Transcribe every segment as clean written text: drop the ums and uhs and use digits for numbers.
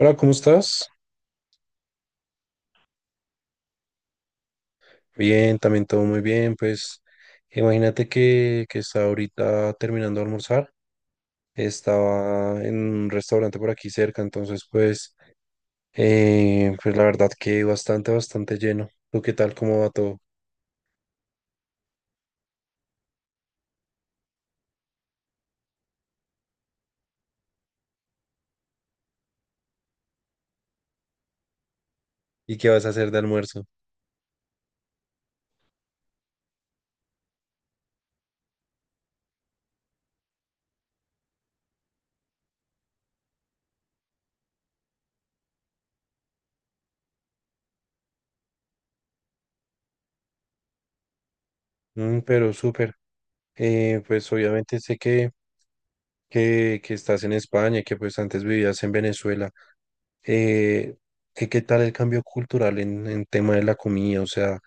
Hola, ¿cómo estás? Bien, también todo muy bien. Pues imagínate que estaba ahorita terminando de almorzar. Estaba en un restaurante por aquí cerca, entonces pues, pues la verdad que bastante lleno. ¿Tú qué tal? ¿Cómo va todo? ¿Y qué vas a hacer de almuerzo? Mm, pero súper. Pues obviamente sé que estás en España, que pues antes vivías en Venezuela. eh, ¿Qué tal el cambio cultural en tema de la comida? O sea,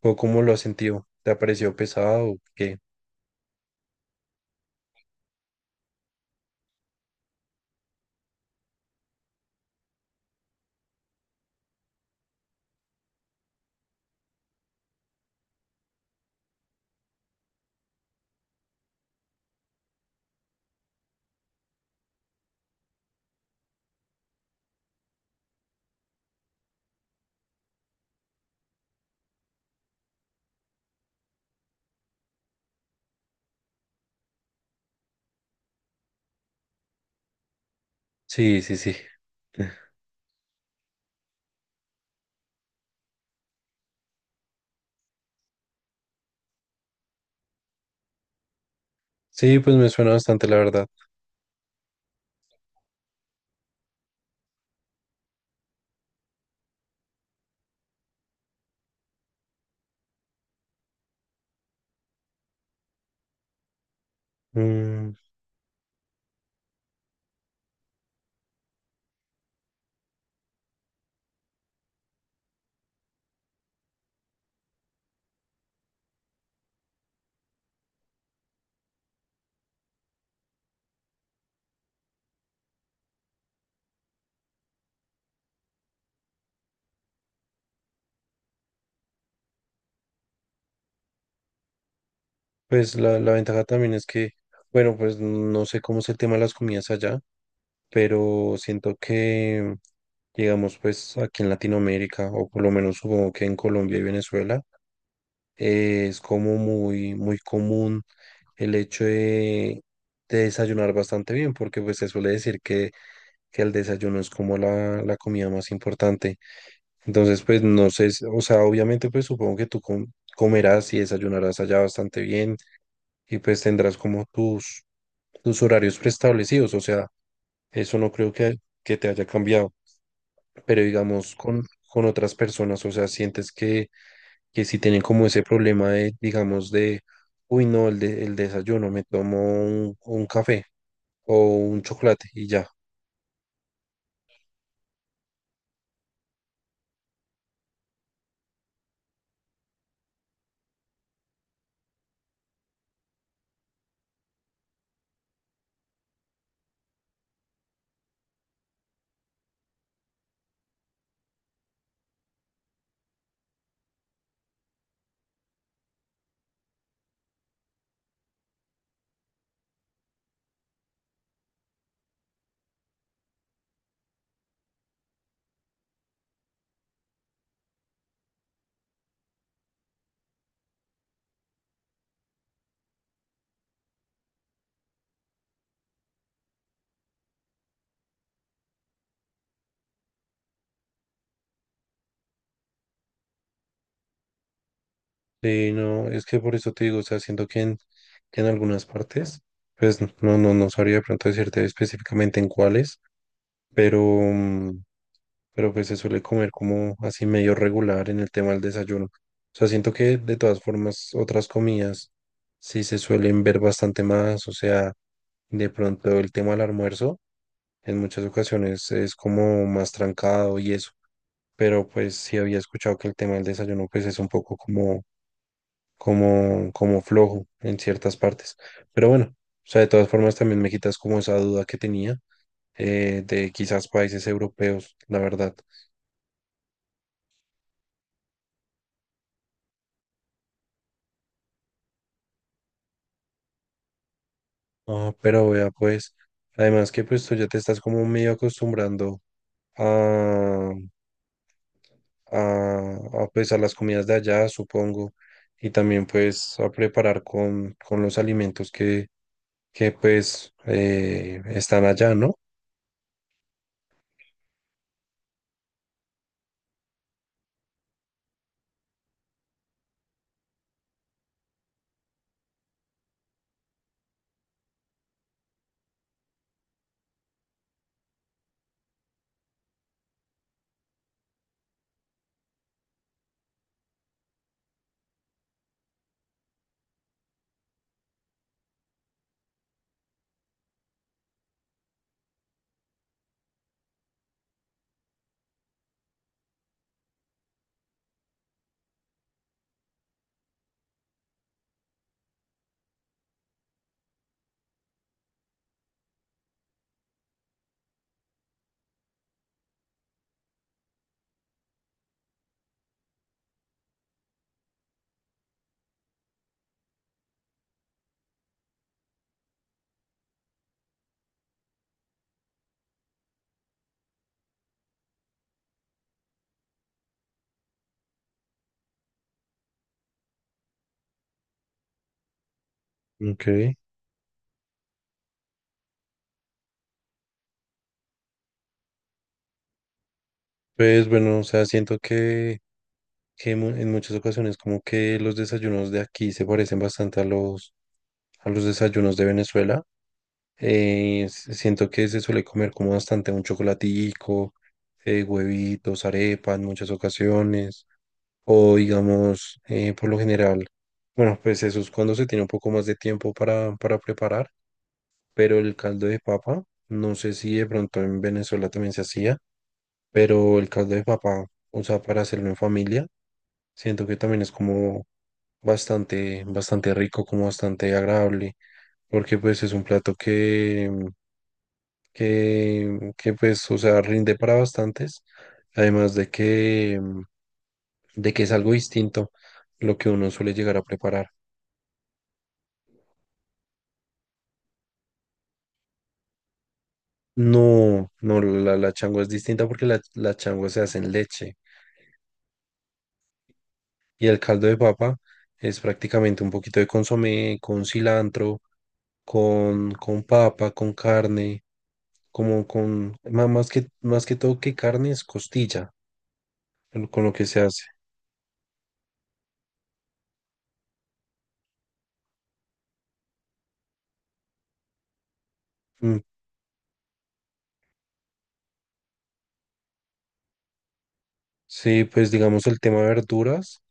¿o ¿cómo lo has sentido? ¿Te ha parecido pesado o qué? Sí, sí, sí. Sí, pues me suena bastante, la verdad. Mm, pues la ventaja también es que, bueno, pues no sé cómo es el tema de las comidas allá, pero siento que, digamos, pues aquí en Latinoamérica, o por lo menos supongo que en Colombia y Venezuela, es como muy común el hecho de desayunar bastante bien, porque pues se suele decir que el desayuno es como la comida más importante. Entonces, pues no sé, si- o sea, obviamente pues supongo que tú comerás y desayunarás allá bastante bien y pues tendrás como tus horarios preestablecidos, o sea, eso no creo que te haya cambiado, pero digamos con otras personas, o sea, sientes que si tienen como ese problema de, digamos, de... Uy, no, el, de- el desayuno, me tomo un café. O un chocolate y ya. Sí, no, es que por eso te digo, o sea, siento que que en algunas partes, pues no, no sabría de pronto decirte específicamente en cuáles, pero, pero pues se suele comer como así medio regular en el tema del desayuno. O sea, siento que de todas formas otras comidas sí se suelen ver bastante más, o sea, de pronto el tema del almuerzo en muchas ocasiones es como más trancado y eso, pero pues sí había escuchado que el tema del desayuno pues es un poco como como flojo en ciertas partes. Pero bueno, o sea, de todas formas también me quitas como esa duda que tenía de quizás países europeos, la verdad. Ah, pero vea, pues, además que pues tú ya te estás como medio acostumbrando a, pues a las comidas de allá, supongo, y también pues a preparar con los alimentos que pues están allá, ¿no? Ok. Pues bueno, o sea, siento que en muchas ocasiones como que los desayunos de aquí se parecen bastante a a los desayunos de Venezuela. Siento que se suele comer como bastante un chocolatico, huevitos, arepa en muchas ocasiones, o digamos, por lo general, bueno, pues eso es cuando se tiene un poco más de tiempo para preparar, pero el caldo de papa, no sé si de pronto en Venezuela también se hacía, pero el caldo de papa, o sea, para hacerlo en familia. Siento que también es como bastante rico, como bastante agradable, porque pues es un plato que, mm, que pues, o sea, rinde para bastantes, además de que, mm, de que es algo distinto lo que uno suele llegar a preparar. No, no, la changua es distinta porque la changua se hace en leche. Y el caldo de papa es prácticamente un poquito de consomé, con cilantro, con papa, con carne, como con, más que todo que carne es costilla, con lo que se hace. Mm, sí, pues digamos el tema de verduras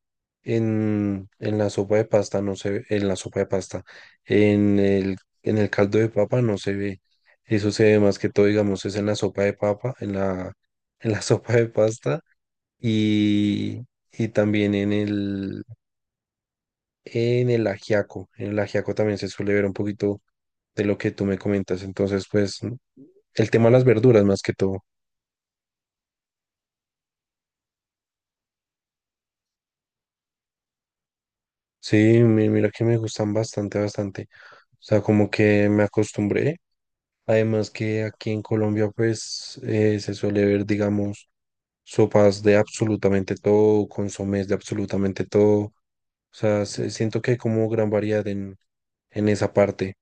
en la sopa de pasta no se ve, en la sopa de pasta, en el, en el caldo de papa no se ve. Eso se ve más que todo, digamos, es en la sopa de papa, en la sopa de pasta y, y también en en el ajiaco. En el ajiaco también se suele ver un poquito de lo que tú me comentas. Entonces, pues, el tema de las verduras más que todo. Sí, mira que me gustan bastante. O sea, como que me acostumbré. Además que aquí en Colombia, pues, se suele ver, digamos, sopas de absolutamente todo, consomés de absolutamente todo. O sea, siento que hay como gran variedad en esa parte.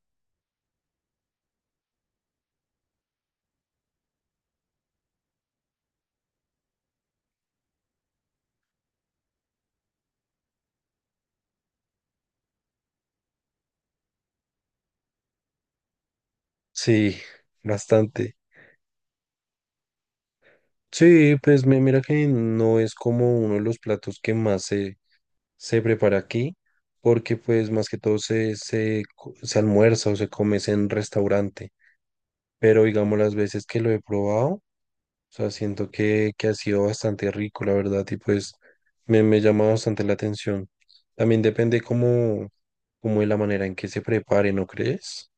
Sí, bastante. Sí, pues mira que no es como uno de los platos que más se prepara aquí, porque pues más que todo se almuerza o se come es en restaurante, pero digamos las veces que lo he probado, o sea, siento que ha sido bastante rico, la verdad, y pues me llama bastante la atención. También depende como, como de la manera en que se prepare, ¿no crees?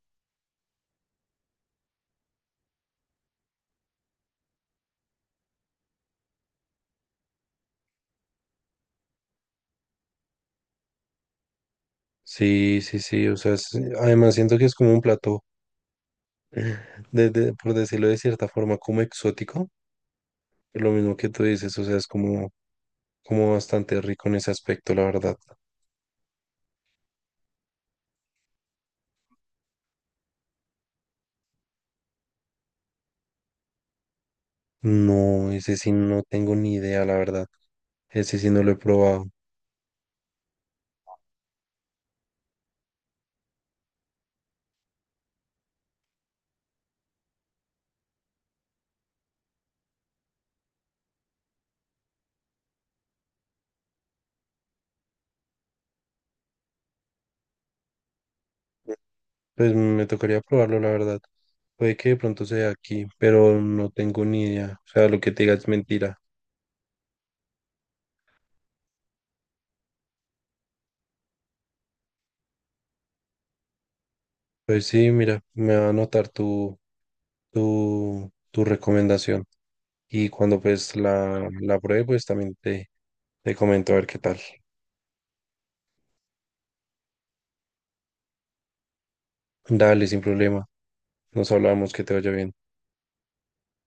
Sí, sí, sí, o sea, además siento que es como un plato, por decirlo de cierta forma, como exótico. Lo mismo que tú dices, o sea, es como, como bastante rico en ese aspecto, la verdad. No, ese sí no tengo ni idea, la verdad. Ese sí no lo he probado. Pues me tocaría probarlo, la verdad. Puede que de pronto sea aquí, pero no tengo ni idea. O sea, lo que te diga es mentira. Pues sí, mira, me va a anotar tu recomendación. Y cuando pues la pruebe, pues también te comento a ver qué tal. Dale, sin problema. Nos hablamos, que te vaya bien.